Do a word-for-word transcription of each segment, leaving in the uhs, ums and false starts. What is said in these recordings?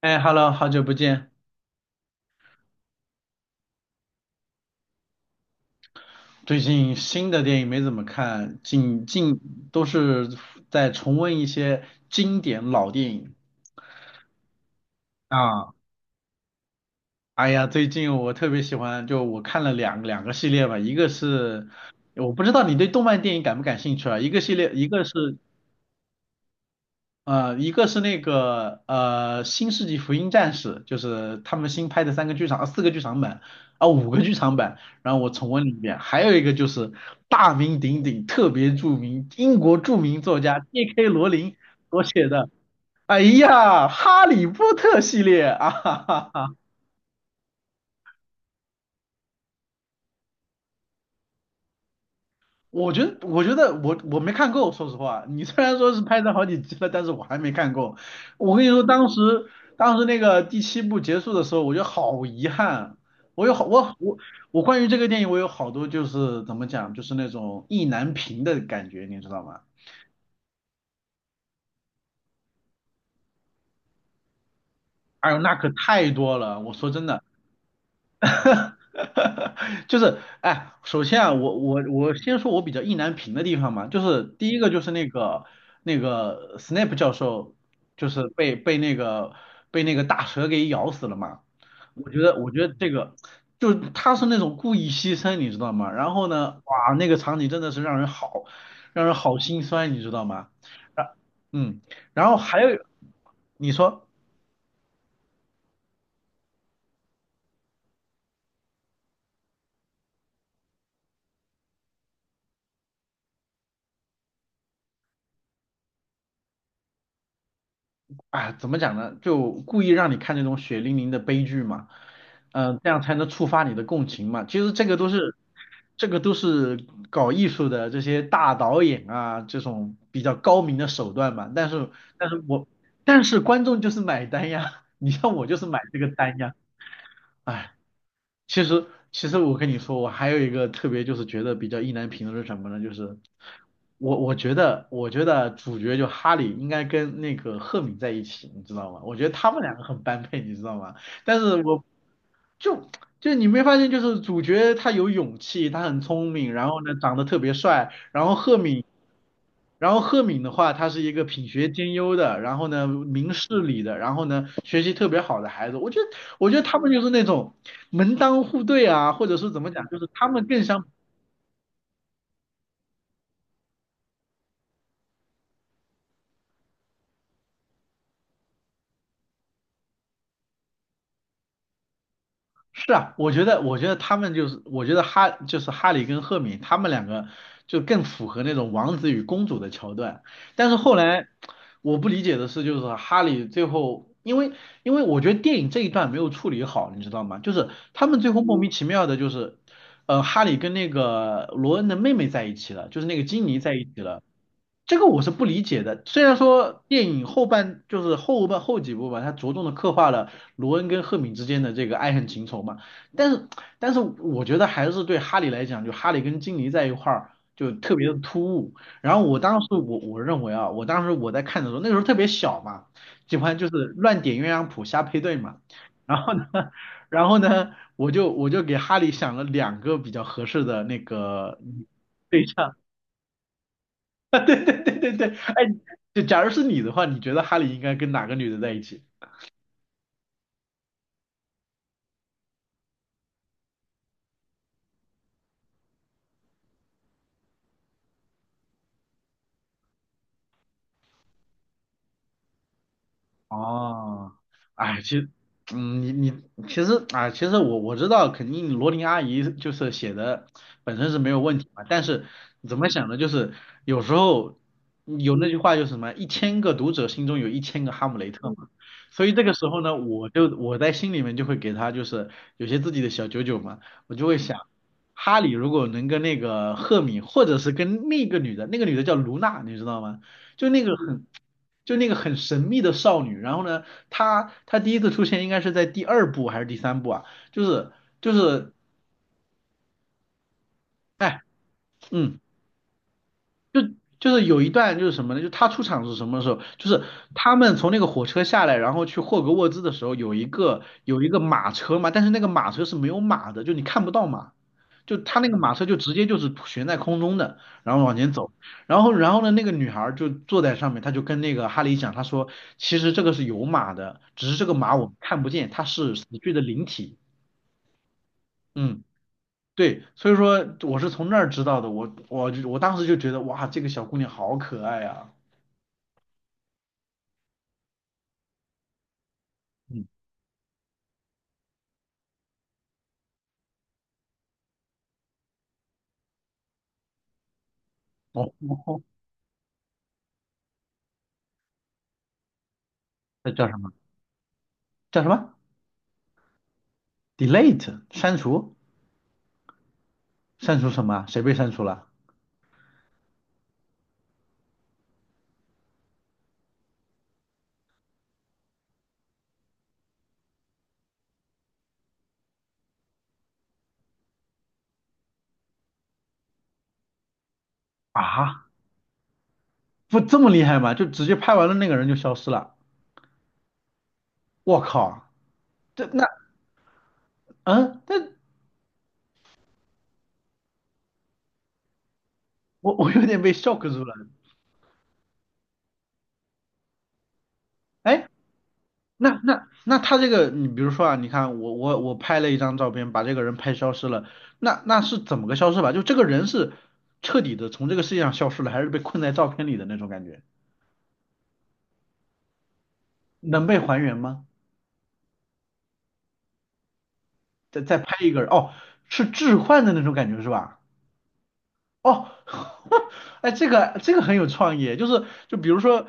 哎，Hello，好久不见。最近新的电影没怎么看，近近都是在重温一些经典老电影啊。哎呀，最近我特别喜欢，就我看了两两个系列吧，一个是我不知道你对动漫电影感不感兴趣啊，一个系列，一个是呃，一个是那个呃《新世纪福音战士》，就是他们新拍的三个剧场，啊四个剧场版，啊五个剧场版，然后我重温了一遍。还有一个就是大名鼎鼎、特别著名英国著名作家 J K 罗琳所写的，哎呀，《哈利波特》系列啊，哈哈哈我觉得，我觉得我我没看够，说实话，你虽然说是拍成好几集了，但是我还没看够。我跟你说，当时当时那个第七部结束的时候，我觉得好遗憾。我有好我我我关于这个电影，我有好多就是怎么讲，就是那种意难平的感觉，你知道吗？哎呦，那可太多了。我说真的，哈哈，就是哎，首先啊，我我我先说我比较意难平的地方嘛，就是第一个就是那个那个 Snape 教授，就是被被那个被那个大蛇给咬死了嘛。我觉得我觉得这个就是他是那种故意牺牲，你知道吗？然后呢，哇，那个场景真的是让人好让人好心酸，你知道吗？啊，嗯，然后还有你说。啊，怎么讲呢？就故意让你看那种血淋淋的悲剧嘛，嗯，这样才能触发你的共情嘛。其实这个都是，这个都是搞艺术的这些大导演啊，这种比较高明的手段嘛。但是，但是我，但是观众就是买单呀，你像我就是买这个单呀，哎。其实，其实我跟你说，我还有一个特别就是觉得比较意难平的是什么呢？就是我我觉得，我觉得主角就哈利应该跟那个赫敏在一起，你知道吗？我觉得他们两个很般配，你知道吗？但是我就就你没发现，就是主角他有勇气，他很聪明，然后呢长得特别帅，然后赫敏然后赫敏的话，他是一个品学兼优的，然后呢明事理的，然后呢学习特别好的孩子。我觉得，我觉得他们就是那种门当户对啊，或者是怎么讲，就是他们更像。是啊，我觉得，我觉得他们就是，我觉得哈就是哈利跟赫敏他们两个就更符合那种王子与公主的桥段。但是后来我不理解的是，就是哈利最后，因为因为我觉得电影这一段没有处理好，你知道吗？就是他们最后莫名其妙的，就是呃，哈利跟那个罗恩的妹妹在一起了，就是那个金妮在一起了。这个我是不理解的。虽然说电影后半就是后半后几部吧，它着重的刻画了罗恩跟赫敏之间的这个爱恨情仇嘛，但是但是我觉得还是对哈利来讲，就哈利跟金妮在一块儿就特别的突兀。然后我当时我我认为啊，我当时我在看的时候，那个时候特别小嘛，喜欢就是乱点鸳鸯谱瞎配对嘛。然后呢，然后呢，我就我就给哈利想了两个比较合适的那个嗯对象，对对对对对，哎，就假如是你的话，你觉得哈利应该跟哪个女的在一起？哦，哎，其实，嗯，你你其实啊，其实我我知道，肯定罗琳阿姨就是写的本身是没有问题嘛，但是怎么想呢？就是有时候有那句话就是什么，一千个读者心中有一千个哈姆雷特嘛，所以这个时候呢，我就我在心里面就会给他就是有些自己的小九九嘛，我就会想，哈利如果能跟那个赫敏，或者是跟那个女的，那个女的叫卢娜，你知道吗？就那个很。就那个很神秘的少女，然后呢，她她第一次出现应该是在第二部还是第三部啊？就是就是，哎，嗯。就就是有一段就是什么呢？就他出场是什么时候？就是他们从那个火车下来，然后去霍格沃兹的时候，有一个有一个马车嘛，但是那个马车是没有马的，就你看不到马，就他那个马车就直接就是悬在空中的，然后往前走，然后然后呢，那个女孩儿就坐在上面，她就跟那个哈利讲，她说其实这个是有马的，只是这个马我们看不见，它是死去的灵体。嗯，对，所以说我是从那儿知道的，我我我当时就觉得哇，这个小姑娘好可爱啊。嗯，哦，那叫什么？叫什么？delete 删除？删除什么啊？谁被删除了？啊，不这么厉害吗？就直接拍完了那个人就消失了？我靠，这那嗯，那我我有点被 shock 住了。哎，那那那他这个，你比如说啊，你看我我我拍了一张照片，把这个人拍消失了，那那是怎么个消失法？就这个人是彻底的从这个世界上消失了，还是被困在照片里的那种感觉？能被还原吗？再再拍一个人，哦，是置换的那种感觉是吧？哦，哎，这个这个很有创意，就是就比如说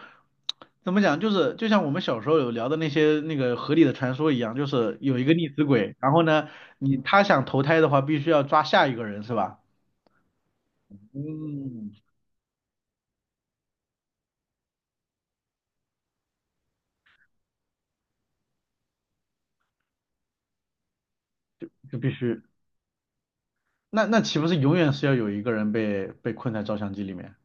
怎么讲，就是就像我们小时候有聊的那些那个河里的传说一样，就是有一个溺死鬼，然后呢，你他想投胎的话，必须要抓下一个人是吧？嗯，就必须，那那岂不是永远是要有一个人被被困在照相机里面？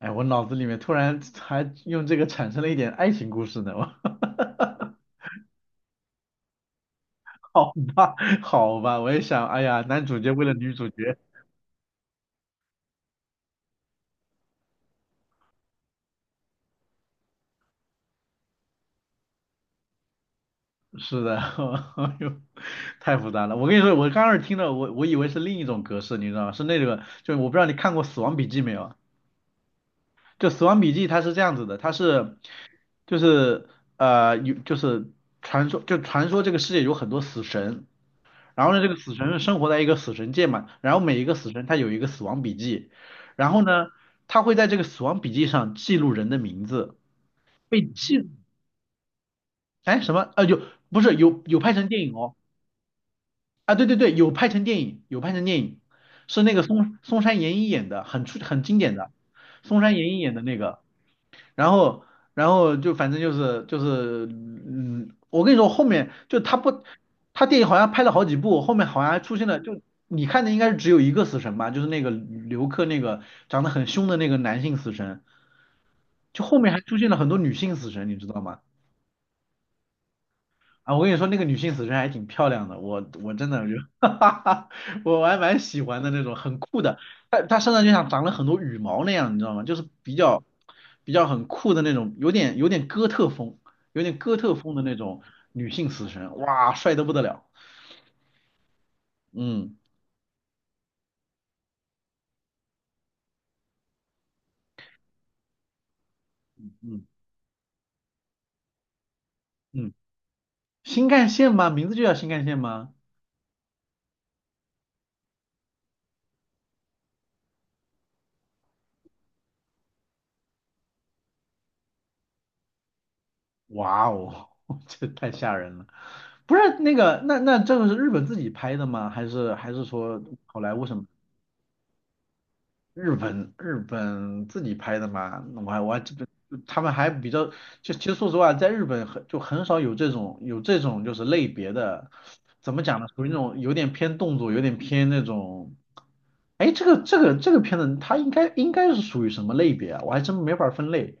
哎，我脑子里面突然还用这个产生了一点爱情故事呢，我 好吧，好吧，我也想，哎呀，男主角为了女主角，是的，哎呦，太复杂了。我跟你说，我刚开始听到，我我以为是另一种格式，你知道吗？是那个，就我不知道你看过《死亡笔记》没有？就《死亡笔记》它是这样子的，它是就是呃有就是传说就传说这个世界有很多死神，然后呢这个死神生活在一个死神界嘛，然后每一个死神他有一个死亡笔记，然后呢他会在这个死亡笔记上记录人的名字。被记哎，什么？啊，有不是有有拍成电影哦？啊，对对对，有拍成电影，有拍成电影，是那个松松山研一演的，很出很经典的，松山研一演的那个。然后然后就反正就是就是，嗯，我跟你说，后面就他不，他电影好像拍了好几部，后面好像还出现了，就你看的应该是只有一个死神吧，就是那个刘克那个长得很凶的那个男性死神，就后面还出现了很多女性死神，你知道吗？啊，我跟你说，那个女性死神还挺漂亮的，我我真的就，哈哈哈，我还蛮喜欢的那种，很酷的。她她身上就像长了很多羽毛那样，你知道吗？就是比较比较很酷的那种，有点有点哥特风，有点哥特风的那种女性死神，哇，帅得不得了。嗯嗯嗯，新干线吗？名字就叫新干线吗？哇哦，这太吓人了。不是那个，那那这个是日本自己拍的吗？还是还是说好莱坞什么？日本日本自己拍的嘛，那我还我还这本他们还比较，就其实说实话，在日本很就很少有这种有这种就是类别的，怎么讲呢？属于那种有点偏动作，有点偏那种，哎，这个这个这个片子它应该应该是属于什么类别啊？我还真没法分类。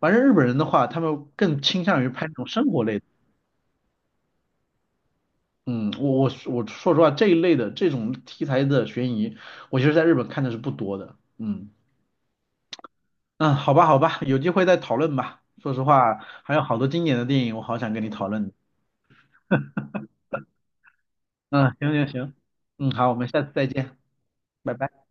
反正日本人的话，他们更倾向于拍那种生活类的嗯，我我我说实话，这一类的这种题材的悬疑，我其实在日本看的是不多的。嗯。嗯，好吧，好吧，有机会再讨论吧。说实话，还有好多经典的电影，我好想跟你讨论。嗯，行行行，嗯，好，我们下次再见，拜拜。